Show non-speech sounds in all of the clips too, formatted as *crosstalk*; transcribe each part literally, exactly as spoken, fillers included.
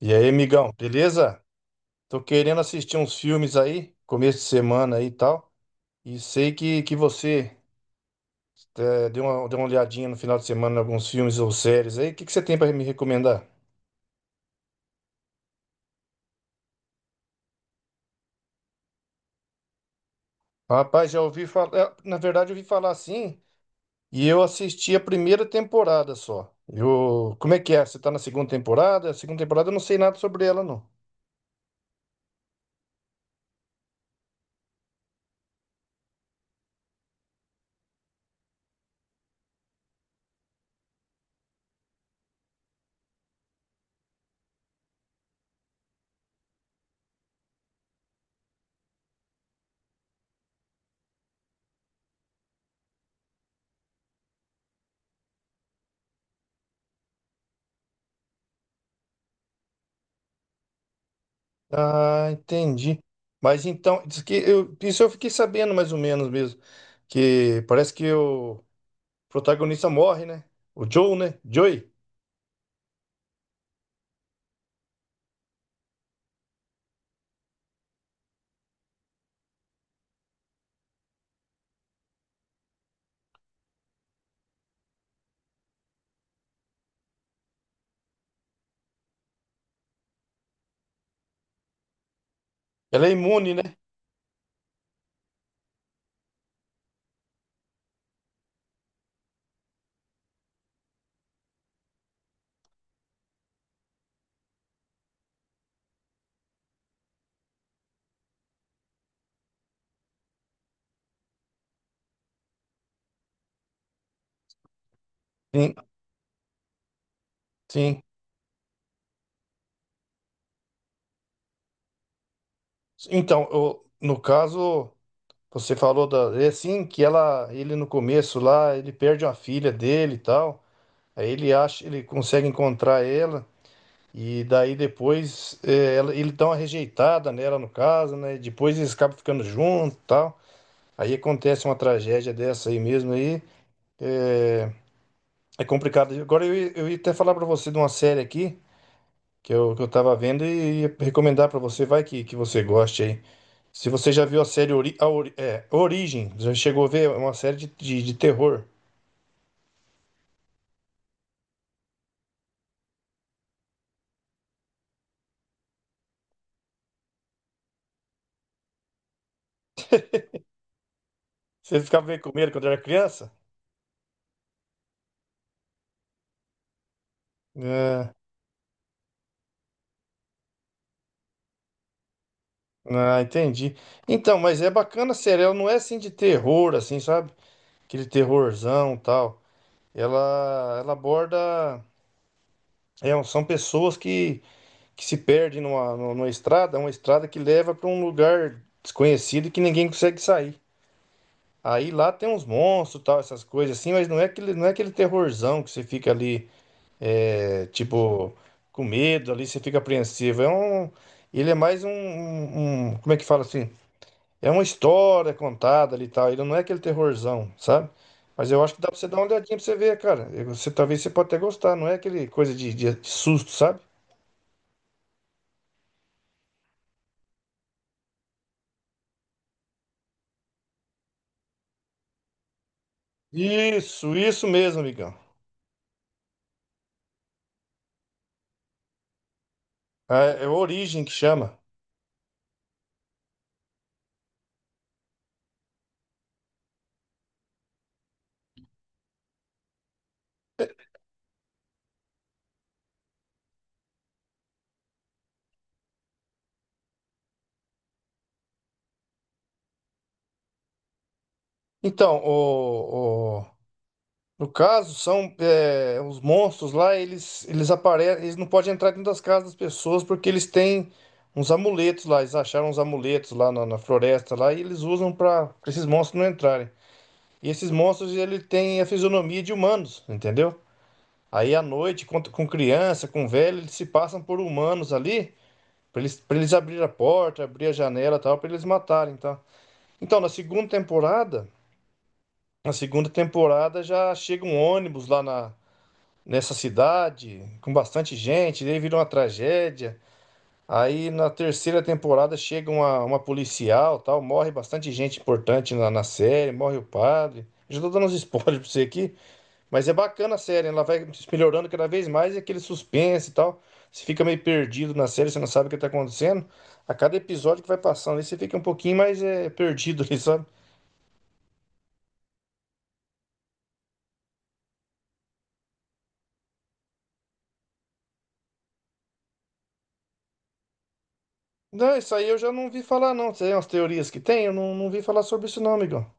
E aí, amigão, beleza? Tô querendo assistir uns filmes aí, começo de semana aí e tal. E sei que, que você eh, deu uma, deu uma olhadinha no final de semana em alguns filmes ou séries aí. O que, que você tem pra me recomendar? Rapaz, já ouvi falar. Na verdade, eu ouvi falar assim e eu assisti a primeira temporada só. Eu... Como é que é? Você tá na segunda temporada? A segunda temporada eu não sei nada sobre ela, não. Ah, entendi. Mas então, diz que eu... isso eu fiquei sabendo mais ou menos mesmo. Que parece que eu. Protagonista morre, né? O Joe, né? Joey. Ela é imune, né? Sim, sim. Então, eu- no caso, você falou da. É assim que ela, ele no começo lá, ele perde uma filha dele e tal. Aí ele acha, ele consegue encontrar ela. E daí depois é, ela- ele dá uma rejeitada nela, no caso, né? E depois eles acabam ficando juntos e tal. Aí acontece uma tragédia dessa aí mesmo aí. É, é complicado. Agora eu, ia- eu ia até falar pra você de uma série aqui. Que eu, que eu tava vendo e ia recomendar pra você, vai que, que você goste aí. Se você já viu a série Ori, a Ori- é, Origem, já chegou a ver, é uma série de, de, de terror. Você ficava meio com medo quando era criança? É, ah, entendi. Então, mas é bacana a série, ela não é assim de terror, assim, sabe? Aquele terrorzão e tal. Ela, ela aborda. É, são pessoas que, que se perdem numa, numa numa estrada, uma estrada que leva pra um lugar desconhecido que ninguém consegue sair. Aí lá tem uns monstros, tal, essas coisas assim, mas não é aquele, não é aquele terrorzão que você fica ali, é, tipo, com medo ali, você fica apreensivo. É um, ele é mais um, um- um, como é que fala assim? É uma história contada ali e tal. Ele não é aquele terrorzão, sabe? Mas eu acho que dá pra você dar uma olhadinha pra você ver, cara. E você, talvez você pode até gostar, não é aquele coisa de, de- de susto, sabe? Isso, isso mesmo, amigão. É, é Origem que chama. Então, o, no caso, são é, os monstros lá, eles eles aparecem, eles não podem entrar dentro das casas das pessoas porque eles têm uns amuletos lá, eles acharam uns amuletos lá na, na floresta lá e eles usam para esses monstros não entrarem. E esses monstros ele tem a fisionomia de humanos, entendeu? Aí à noite, com, com criança, com velho, eles se passam por humanos ali para eles para eles abrir a porta, abrir a janela, e tal, para eles matarem, tá? Então, na segunda temporada, na segunda temporada já chega um ônibus lá na nessa cidade, com bastante gente, daí virou uma tragédia. Aí na terceira temporada chega uma, uma policial, tal, morre bastante gente importante na, na série, morre o padre. Já tô dando uns *laughs* spoilers pra você aqui, mas é bacana a série, ela vai melhorando cada vez mais e aquele suspense e tal. Você fica meio perdido na série, você não sabe o que tá acontecendo. A cada episódio que vai passando, aí você fica um pouquinho mais é, perdido *laughs* ali, sabe? Não, isso aí eu já não vi falar, não. Tem umas teorias que tem, eu não, não vi falar sobre isso, não, amigão.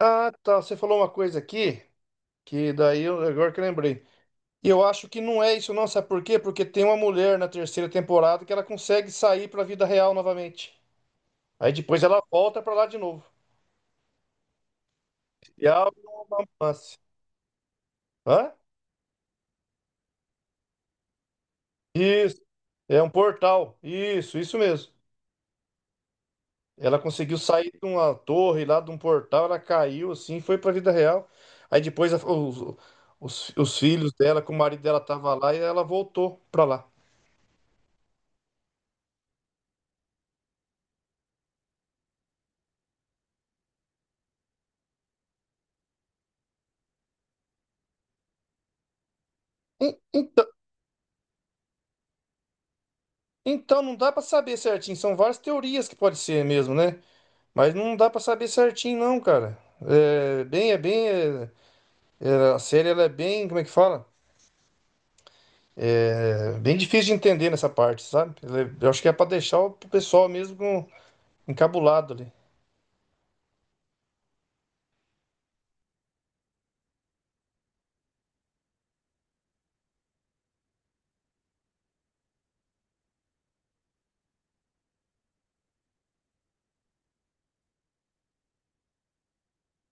Ah, tá. Você falou uma coisa aqui que daí eu, agora que eu lembrei. E eu acho que não é isso, não. Sabe por quê? Porque tem uma mulher na terceira temporada que ela consegue sair pra vida real novamente. Aí depois ela volta pra lá de novo. E abre um lance. Hã? Isso. É um portal. Isso, isso mesmo. Ela conseguiu sair de uma torre lá, de um portal, ela caiu assim, foi pra vida real. Aí depois a- os, os, os filhos dela, com o marido dela tava lá e ela voltou pra lá. En- Então, não dá pra saber certinho. São várias teorias que pode ser mesmo, né? Mas não dá pra saber certinho, não, cara. É bem, é bem. é- é, a série ela é bem. Como é que fala? É bem difícil de entender nessa parte, sabe? Ela é- eu acho que é pra deixar o pessoal mesmo com- encabulado ali.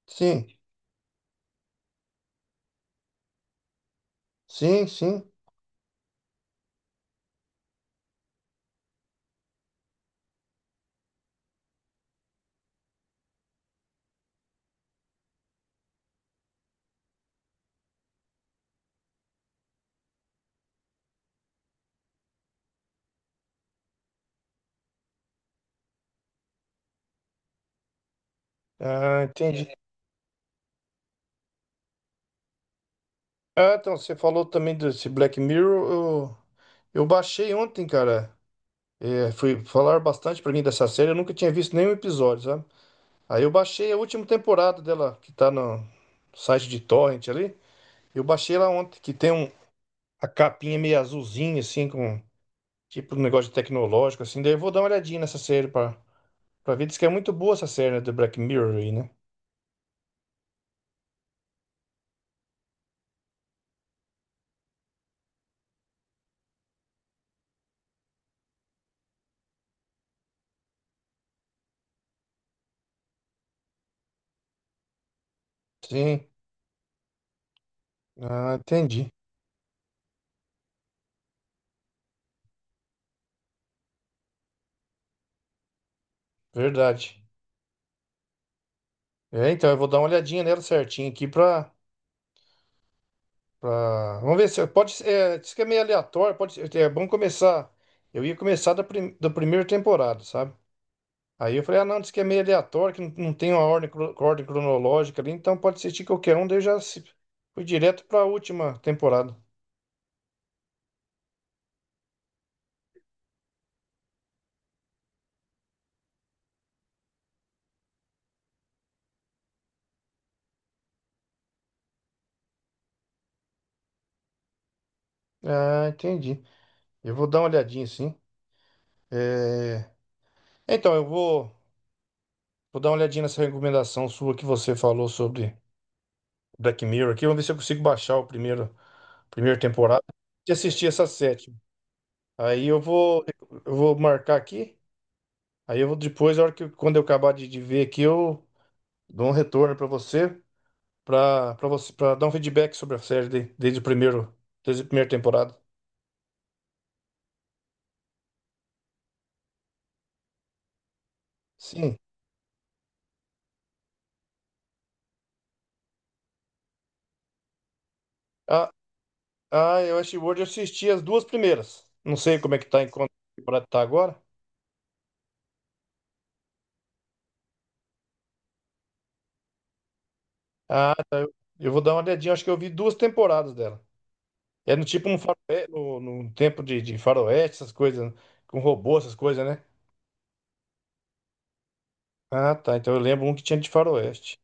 Sim, sim, sim. Ah, entendi. Ah, então, você falou também desse Black Mirror. Eu, eu baixei ontem, cara. É, foi falar bastante pra mim dessa série. Eu nunca tinha visto nenhum episódio, sabe? Aí eu baixei a última temporada dela, que tá no site de Torrent ali. Eu baixei lá ontem, que tem um, a capinha meio azulzinha, assim, com tipo um negócio tecnológico, assim. Daí eu vou dar uma olhadinha nessa série pra, pra ver. Diz que é muito boa essa série, né, do Black Mirror aí, né? Sim. Ah, entendi. Verdade. É, então eu vou dar uma olhadinha nela certinho aqui pra. Pra... Vamos ver se. eu- Pode ser. É, diz que é meio aleatório, pode ser. É bom começar. Eu ia começar da, prim... da primeira temporada, sabe? Aí eu falei, ah, não, diz que é meio aleatório, que não, não tem uma ordem, cro- ordem cronológica ali, então pode assistir qualquer um, daí eu já se- Fui direto para a última temporada. Ah, entendi. Eu vou dar uma olhadinha, sim. É, então, eu vou, vou dar uma olhadinha nessa recomendação sua que você falou sobre Black Mirror aqui, vamos ver se eu consigo baixar o primeiro, primeira temporada e assistir essa sétima. Aí eu vou, eu vou marcar aqui, aí eu vou depois, a hora que, quando eu acabar de, de ver aqui, eu dou um retorno para você. Para para você para dar um feedback sobre a série de- desde o primeiro desde a primeira temporada. Sim. Ah, ah, eu Westworld eu assisti as duas primeiras. Não sei como é que tá em quanto temporada tá agora. Ah, eu vou dar uma olhadinha, acho que eu vi duas temporadas dela. É no tipo um faroeste, no, no tempo de, de faroeste, essas coisas, com robô, essas coisas, né? Ah, tá. Então eu lembro um que tinha de faroeste.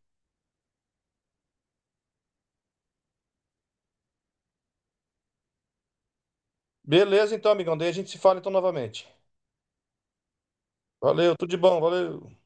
Beleza, então, amigão. Daí a gente se fala então novamente. Valeu, tudo de bom, valeu.